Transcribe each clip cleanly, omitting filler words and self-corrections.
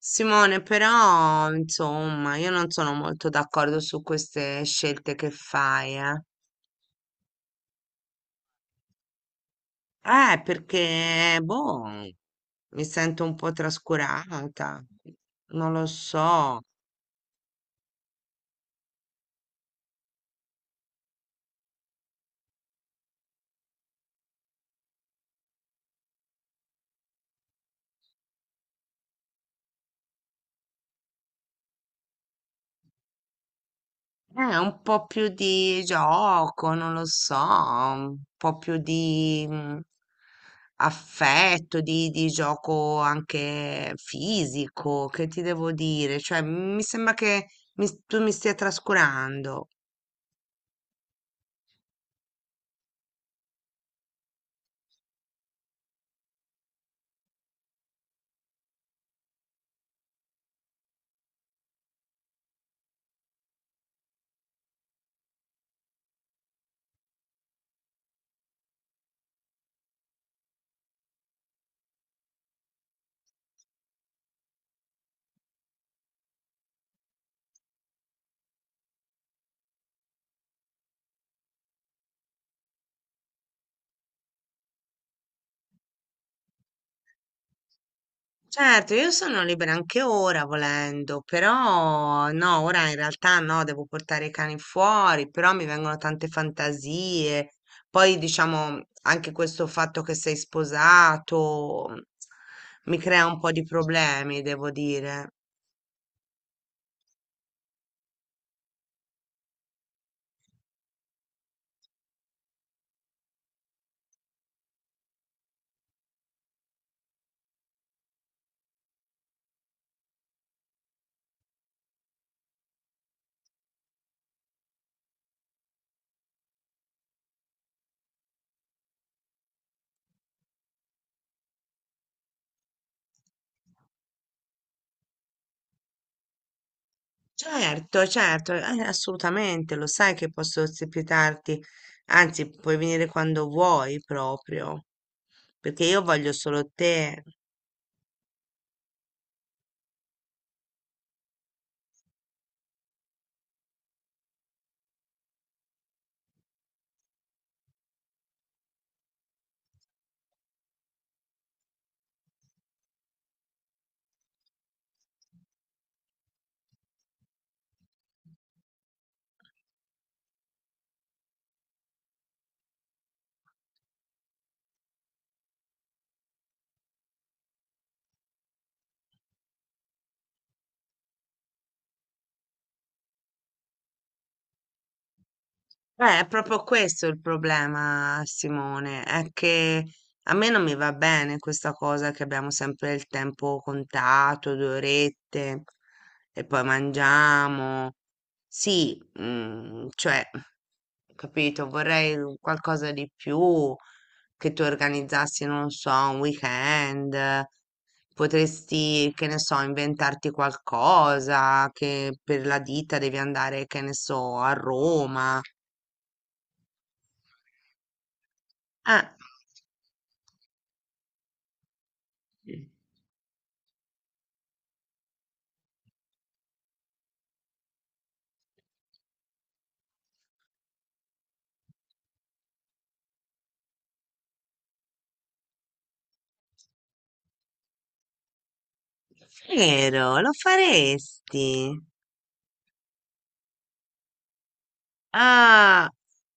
Simone, però, insomma, io non sono molto d'accordo su queste scelte che fai, eh. Perché, boh, mi sento un po' trascurata, non lo so. Un po' più di gioco, non lo so, un po' più di affetto, di gioco anche fisico, che ti devo dire? Cioè, mi sembra che tu mi stia trascurando. Certo, io sono libera anche ora volendo, però no, ora in realtà no, devo portare i cani fuori, però mi vengono tante fantasie. Poi diciamo anche questo fatto che sei sposato, mi crea un po' di problemi, devo dire. Certo, certo, assolutamente, lo sai che posso ospitarti, anzi puoi venire quando vuoi proprio, perché io voglio solo te. È proprio questo il problema, Simone, è che a me non mi va bene questa cosa che abbiamo sempre il tempo contato, due orette, e poi mangiamo. Sì, cioè, capito, vorrei un qualcosa di più, che tu organizzassi, non so, un weekend, potresti, che ne so, inventarti qualcosa, che per la ditta devi andare, che ne so, a Roma. Ah, vero, lo faresti. Ah,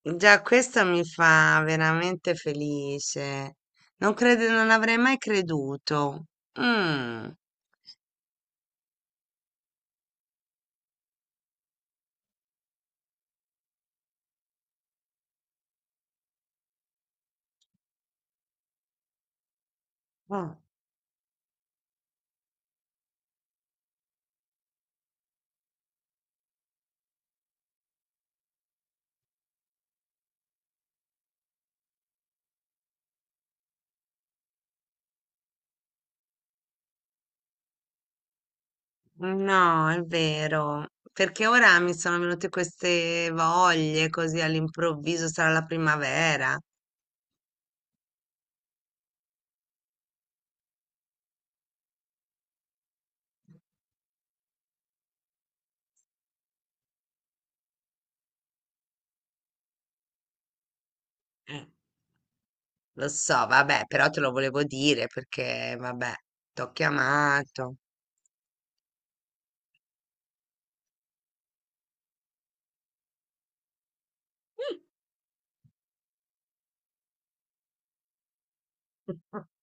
già questo mi fa veramente felice. Non crede, non avrei mai creduto. Mm, oh. No, è vero. Perché ora mi sono venute queste voglie così all'improvviso, sarà la primavera. Eh, Lo so, vabbè, però te lo volevo dire perché, vabbè, t'ho chiamato.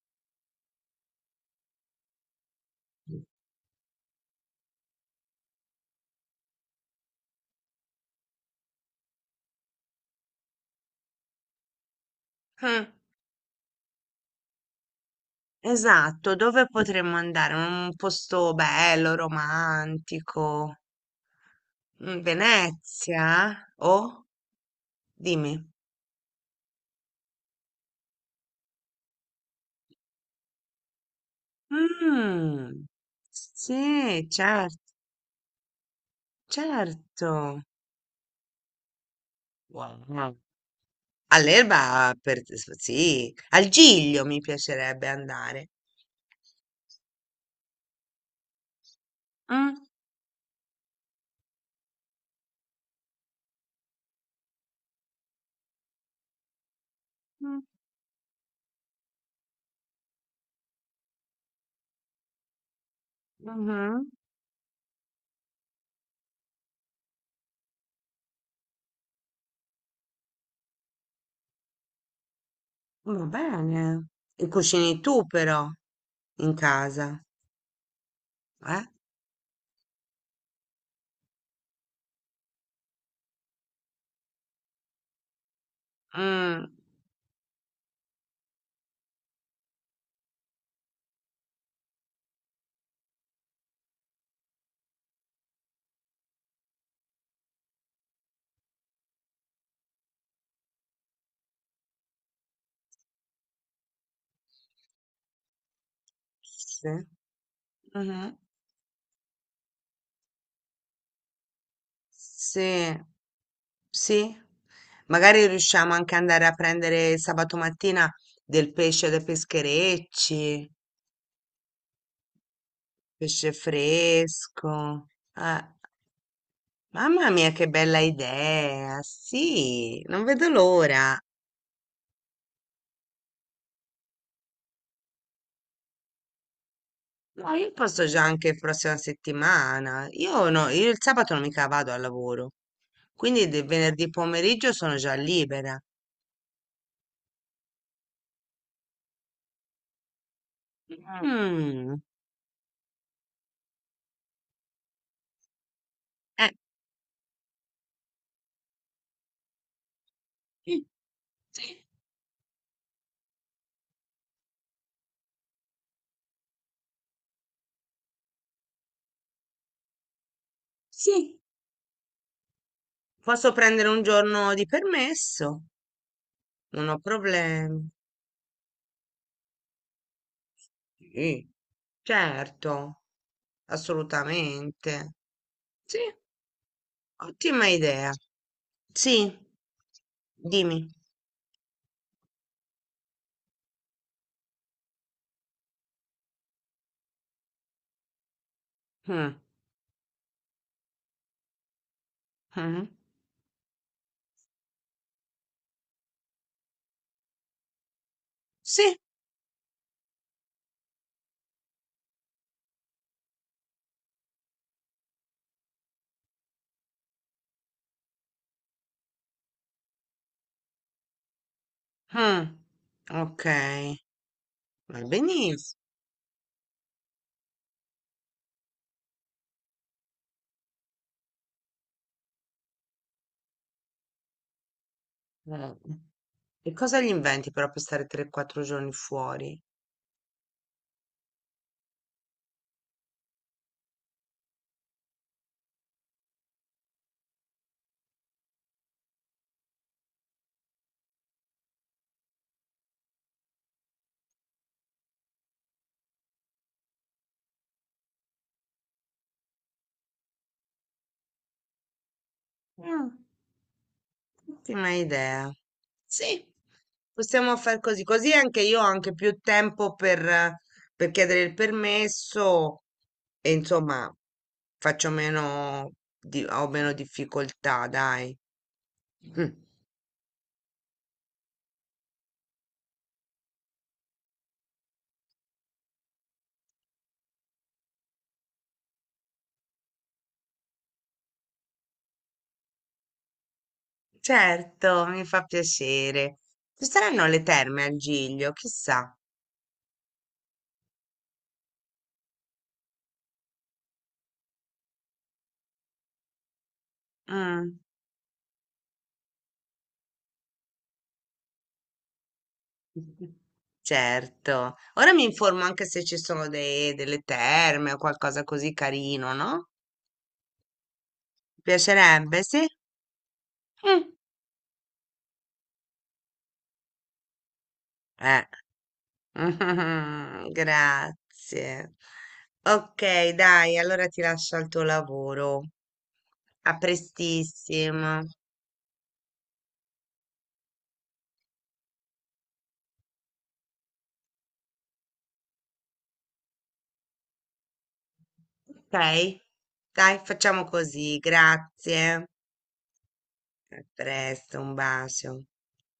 Mm. Esatto, dove potremmo andare? Un posto bello, romantico. Mm, Venezia? Oh, dimmi. Mm, sì, certo, certo. Wow. All'Elba, per, sì, al Giglio mi piacerebbe andare. Mm, mm, mhm. Va bene. E cucini tu però in casa, eh? Mm, sì. Mhm. Sì. Sì, magari riusciamo anche ad andare a prendere sabato mattina del pesce dai pescherecci, pesce fresco. Ah, mamma mia, che bella idea! Sì, non vedo l'ora. No, io posso già anche prossima settimana. Io no, io il sabato non mica vado al lavoro, quindi del venerdì pomeriggio sono già libera. Mm, eh, sì, posso prendere un giorno di permesso, non ho problemi. Sì, certo, assolutamente. Sì, ottima idea. Sì, dimmi. Mm, mm, sì, mm, ok, va benissimo. E cosa gli inventi però per stare 3-4 giorni fuori? Mm. Ottima idea. Sì, possiamo far così, così anche io ho anche più tempo per chiedere il permesso e insomma faccio meno, ho meno difficoltà, dai. Mm. Certo, mi fa piacere. Ci saranno le terme a Giglio, chissà. Mm. Certo. Ora mi informo anche se ci sono delle terme o qualcosa così carino, no? Piacerebbe, sì? Mm. Eh, grazie. Ok, dai, allora ti lascio al tuo lavoro. A prestissimo. Ok? Dai, facciamo così. Grazie. A presto, un bacio.